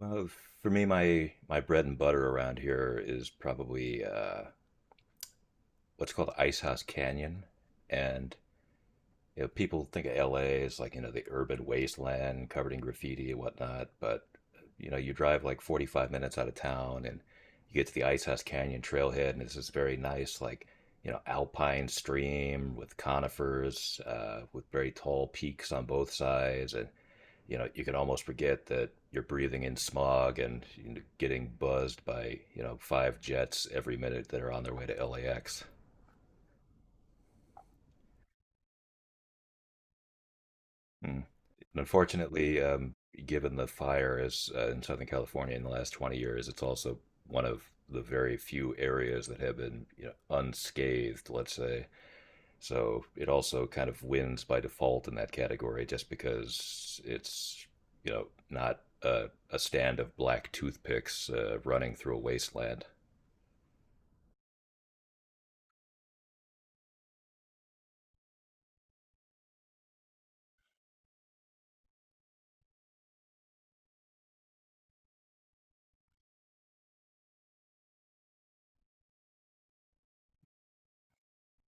Well, for me, my bread and butter around here is probably what's called Ice House Canyon, and you know people think of L.A. as like you know the urban wasteland covered in graffiti and whatnot, but you know you drive like 45 minutes out of town and you get to the Ice House Canyon trailhead, and it's this very nice like you know alpine stream with conifers, with very tall peaks on both sides, and you know you can almost forget that you're breathing in smog and getting buzzed by you know five jets every minute that are on their way to LAX. Mm. And unfortunately, given the fires in Southern California in the last 20 years, it's also one of the very few areas that have been, you know, unscathed, let's say, so it also kind of wins by default in that category just because it's, you know, not a stand of black toothpicks running through a wasteland.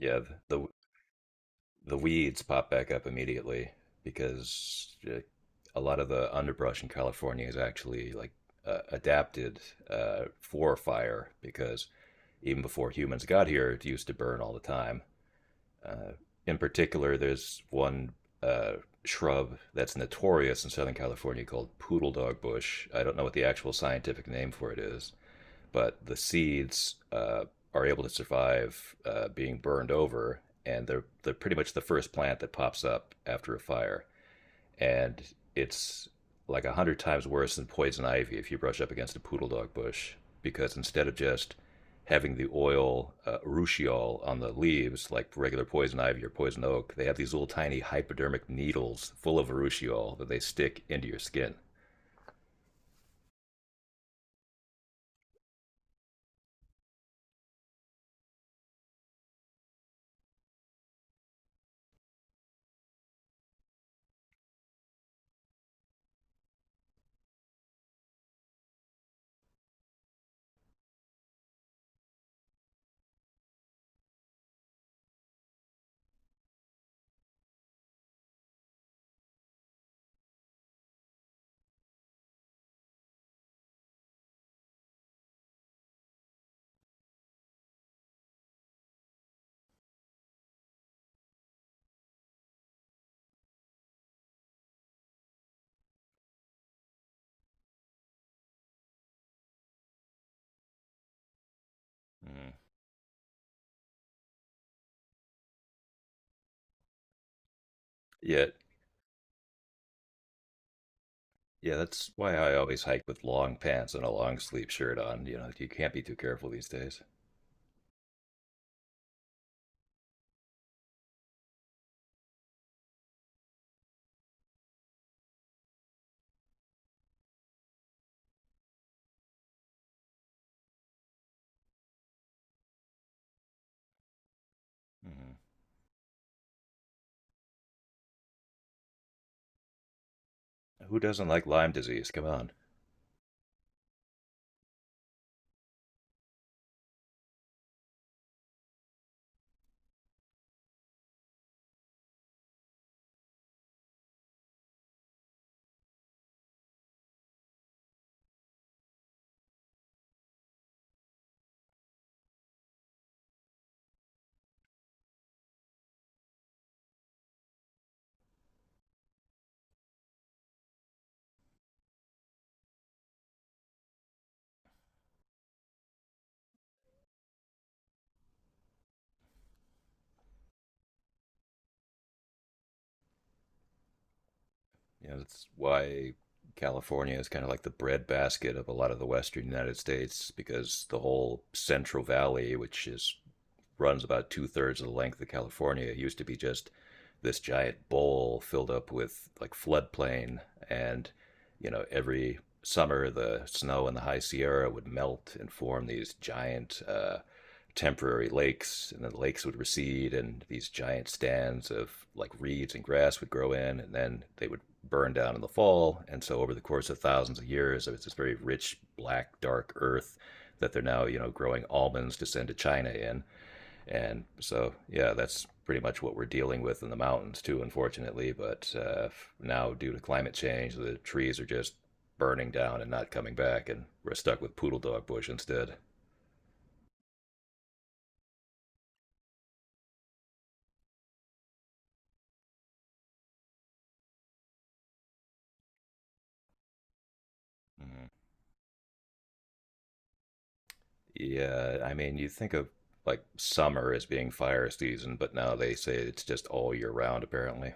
Yeah, the, the weeds pop back up immediately because a lot of the underbrush in California is actually like adapted for fire because even before humans got here, it used to burn all the time. Uh, in particular, there's one uh, shrub that's notorious in Southern California called poodle dog bush. I don't know what the actual scientific name for it is, but the seeds are able to survive being burned over, and they're pretty much the first plant that pops up after a fire, and it's like 100 times worse than poison ivy if you brush up against a poodle dog bush because instead of just having the oil urushiol on the leaves like regular poison ivy or poison oak, they have these little tiny hypodermic needles full of urushiol that they stick into your skin. Mm. yet Yeah, that's why I always hike with long pants and a long sleeve shirt on. You know, you can't be too careful these days. Hmm. Who doesn't like Lyme disease? Come on. You know, that's why California is kind of like the breadbasket of a lot of the Western United States because the whole Central Valley, which is runs about two-thirds of the length of California. It used to be just this giant bowl filled up with like floodplain, and you know every summer the snow in the High Sierra would melt and form these giant temporary lakes, and then the lakes would recede, and these giant stands of like reeds and grass would grow in, and then they would burn down in the fall. And so over the course of thousands of years, it was this very rich, black, dark earth that they're now you know growing almonds to send to China in. And so, yeah, that's pretty much what we're dealing with in the mountains too, unfortunately. But now, due to climate change, the trees are just burning down and not coming back, and we're stuck with poodle dog bush instead. Mhm. Yeah, I mean, you think of like summer as being fire season, but now they say it's just all year round, apparently.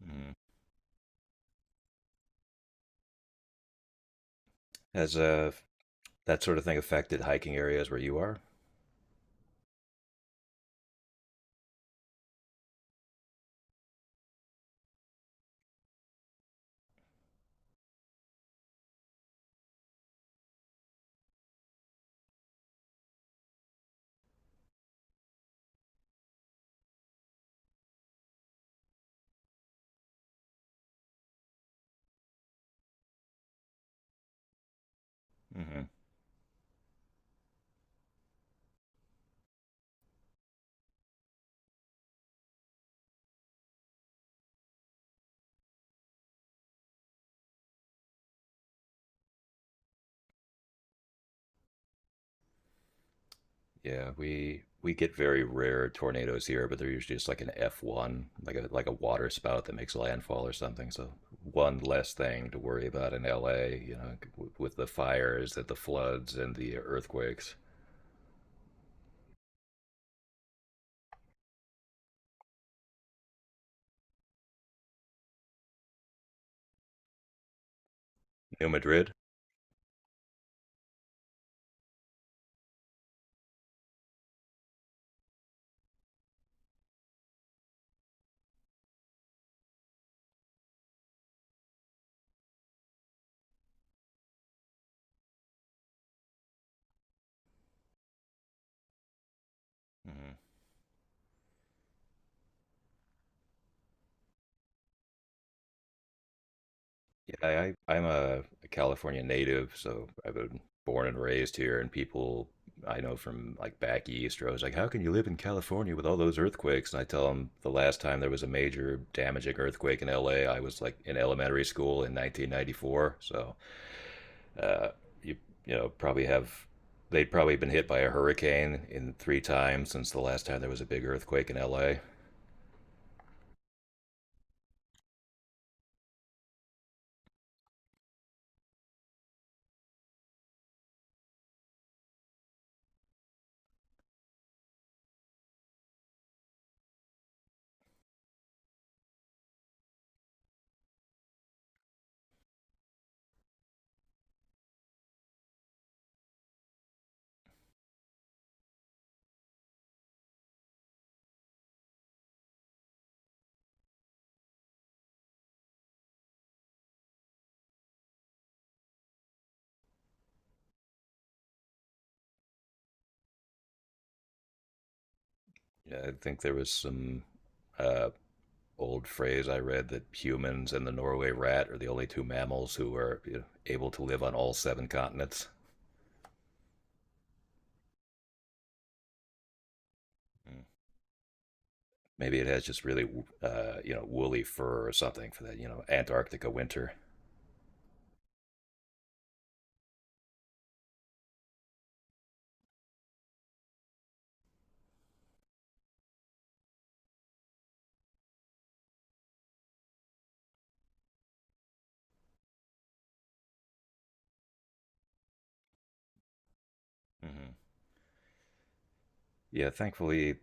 Mhm. Has that sort of thing affected hiking areas where you are? Hmm. Yeah, we get very rare tornadoes here, but they're usually just like an F1, like a water spout that makes landfall or something. So one less thing to worry about in LA, you know, with the fires and the floods and the earthquakes. New Madrid? Mhm. Yeah, I'm a California native, so I've been born and raised here. And people I know from like back east are always like, "How can you live in California with all those earthquakes?" And I tell them the last time there was a major damaging earthquake in LA, I was like in elementary school in 1994. So uh, you know probably have they'd probably been hit by a hurricane in three times since the last time there was a big earthquake in LA. Yeah, I think there was some uh, old phrase I read that humans and the Norway rat are the only two mammals who are, you know, able to live on all 7 continents. Mm. Maybe it has just really, you know, woolly fur or something for that, you know, Antarctica winter. Mm-hmm. Yeah, thankfully,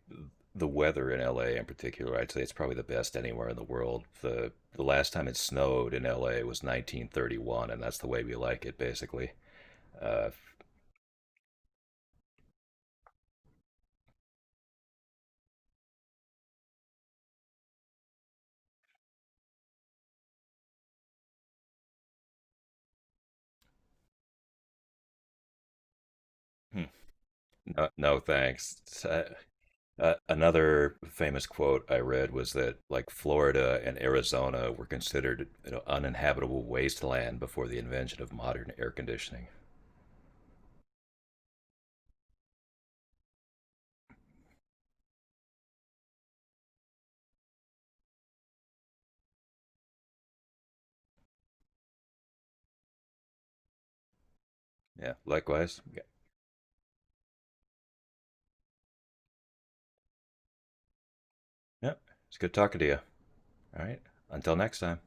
the weather in LA in particular, I'd say it's probably the best anywhere in the world. The last time it snowed in LA was 1931, and that's the way we like it, basically. Uh, Hmm. No, no, thanks. Another famous quote I read was that like Florida and Arizona were considered, you know, uninhabitable wasteland before the invention of modern air conditioning. Yeah, likewise. Yeah, yeah, it's good talking to you. All right, until next time.